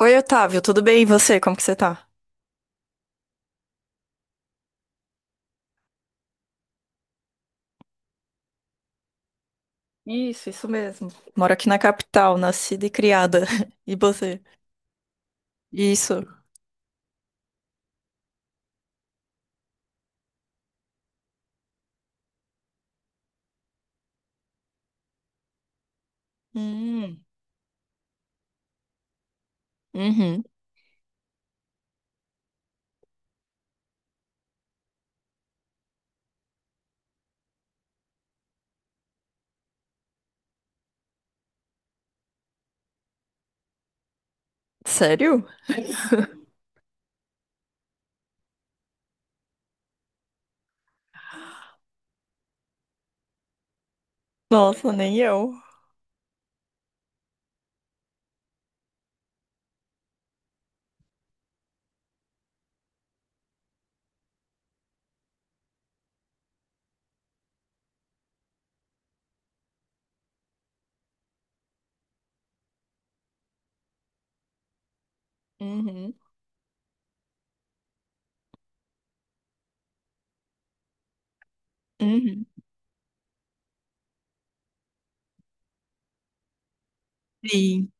Oi, Otávio, tudo bem? E você? Como que você tá? Isso, mesmo. Moro aqui na capital, nascida e criada. E você? Isso. Hum, uhum. Sério? Nossa, nem eu. Uhum, uhum. Sim.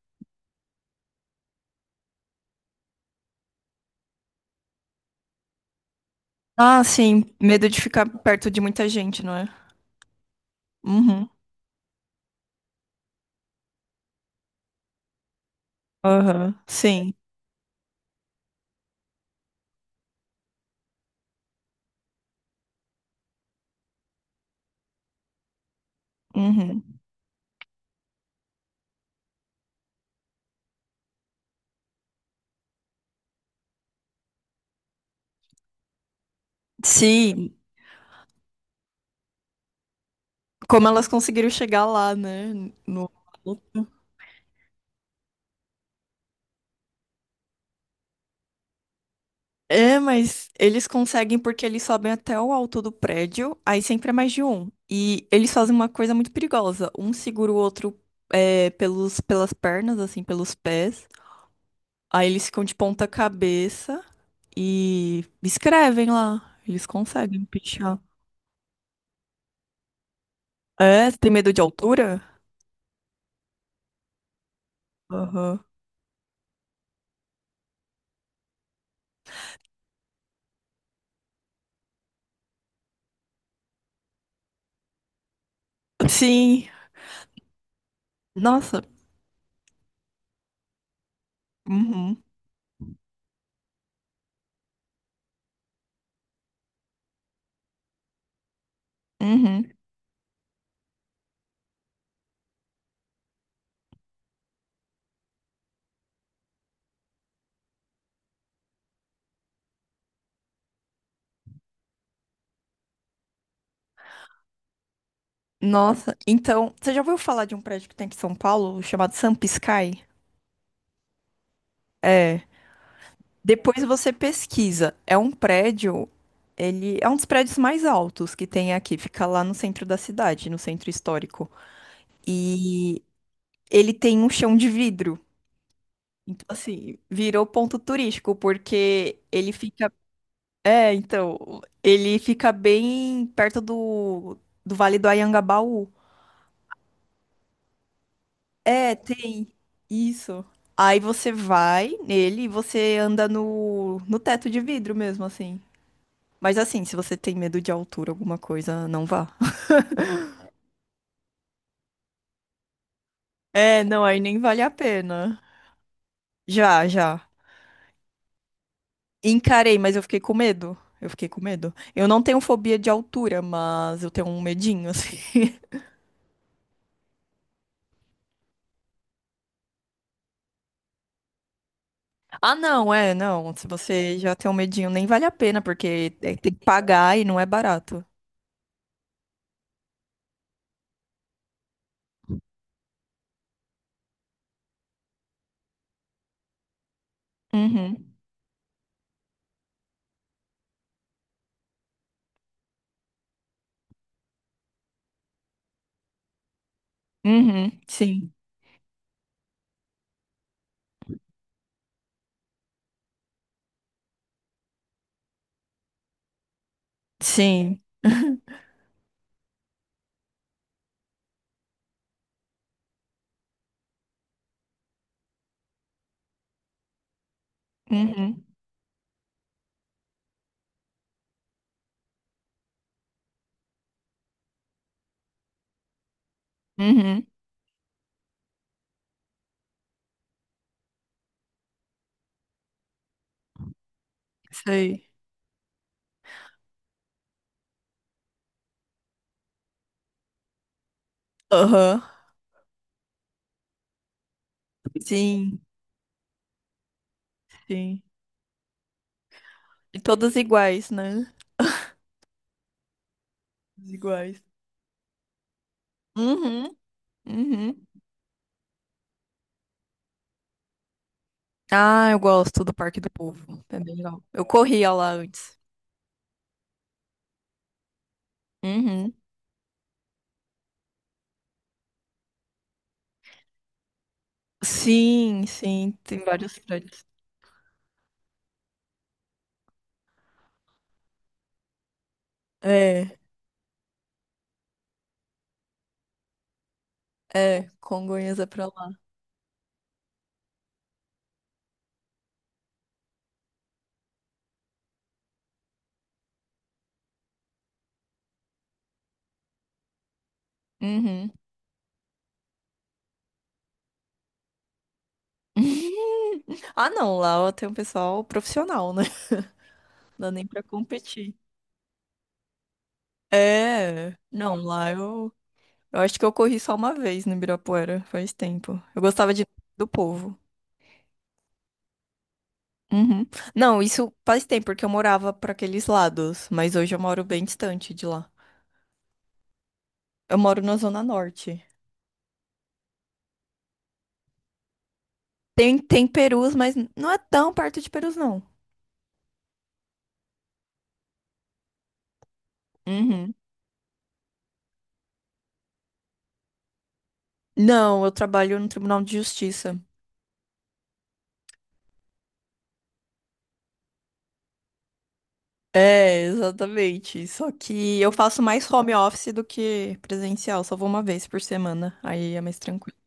Ah, sim. Medo de ficar perto de muita gente, não é? Uhum. Aham. Sim. Uhum. Sim. Como elas conseguiram chegar lá, né? No... É, mas eles conseguem porque eles sobem até o alto do prédio, aí sempre é mais de um. E eles fazem uma coisa muito perigosa. Um segura o outro é, pelas pernas, assim, pelos pés. Aí eles ficam de ponta cabeça e escrevem lá. Eles conseguem pichar. É, você tem medo de altura? Aham. Sim. Nossa. Uhum. Uhum. Nossa. Então, você já ouviu falar de um prédio que tem aqui em São Paulo chamado Samp Sky? É. Depois você pesquisa. É um prédio, ele é um dos prédios mais altos que tem aqui, fica lá no centro da cidade, no centro histórico. E ele tem um chão de vidro. Então, assim, virou ponto turístico, porque ele fica. É, então, ele fica bem perto do Vale do Anhangabaú. É, tem isso. Aí você vai nele e você anda no teto de vidro mesmo, assim. Mas assim, se você tem medo de altura, alguma coisa, não vá. É, não, aí nem vale a pena. Já, já. Encarei, mas eu fiquei com medo. Eu fiquei com medo. Eu não tenho fobia de altura, mas eu tenho um medinho, assim. Ah, não, é, não. Se você já tem um medinho, nem vale a pena, porque é- tem que pagar e não é barato. Uhum. Uhum. Sim. Sim. Uhum. Uhum. Sei. Aham. Sim. Sim. E todas iguais, né? Todas iguais. Uhum. Uhum. Ah, eu gosto do Parque do Povo. É bem legal. Eu corria lá antes. Uhum. Sim, sim, tem vários prédios. É, é, Congonhas é pra lá. Uhum. Ah, não, lá eu um pessoal profissional, né? Não dá nem pra competir. É, não, eu acho que eu corri só uma vez no Ibirapuera, faz tempo. Eu gostava de do povo. Uhum. Não, isso faz tempo, porque eu morava pra aqueles lados, mas hoje eu moro bem distante de lá. Eu moro na Zona Norte. Tem, tem Perus, mas não é tão perto de Perus, não. Uhum. Não, eu trabalho no Tribunal de Justiça. É, exatamente. Só que eu faço mais home office do que presencial. Só vou uma vez por semana. Aí é mais tranquilo.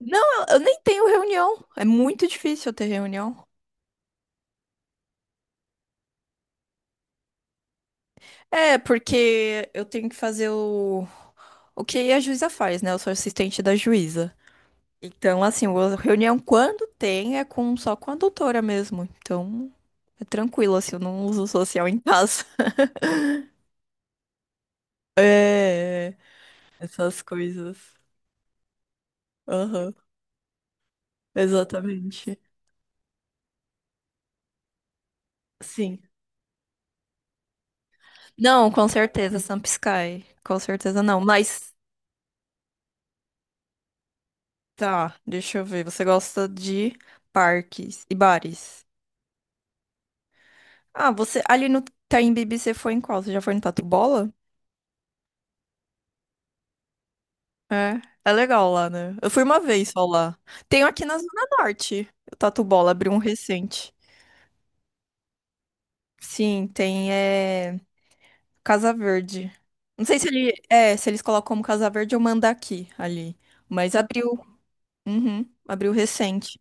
Não, eu nem tenho reunião. É muito difícil eu ter reunião. É, porque eu tenho que fazer o que a juíza faz, né? Eu sou assistente da juíza. Então, assim, a reunião quando tem é com só com a doutora mesmo. Então, é tranquilo, assim, eu não uso social em casa. É, essas coisas. Aham, exatamente. Sim. Não, com certeza, Sampisky. Com certeza não. Mas, tá, deixa eu ver. Você gosta de parques e bares? Ah, você ali no Time Bibi você foi em qual? Você já foi no Tatu Bola? É, é legal lá, né? Eu fui uma vez só lá. Tenho aqui na Zona Norte. O Tatu Bola abriu um recente. Sim, tem é, Casa Verde. Não sei se ele é, se eles colocam como Casa Verde ou Mandaki ali, mas abriu. Uhum, abriu recente.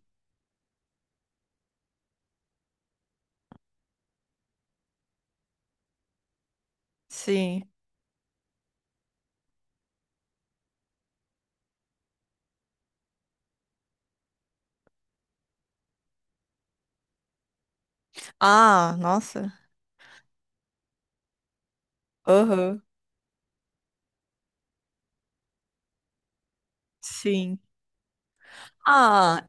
Sim. Ah, nossa. Aham. Sim. Ah,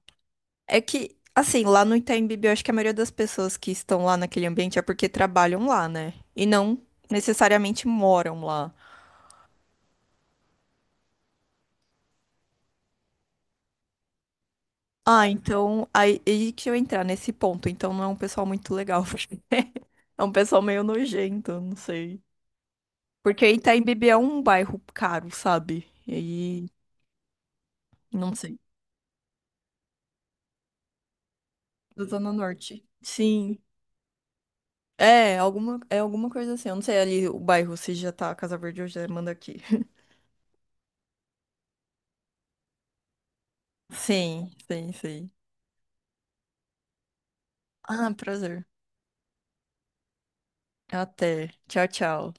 é que assim, lá no Itaim Bibi, eu acho que a maioria das pessoas que estão lá naquele ambiente é porque trabalham lá, né? E não necessariamente moram lá. Ah, então aí, aí que eu entrar nesse ponto. Então não é um pessoal muito legal, porque é um pessoal meio nojento, não sei. Porque Itaimbibi é um bairro caro, sabe? E aí, não sei. Da Zona Norte. Sim. É alguma coisa assim. Eu não sei ali o bairro, se já tá Casa Verde ou já manda aqui. Sim, sim, sim. Ah, prazer. Até. Tchau, tchau.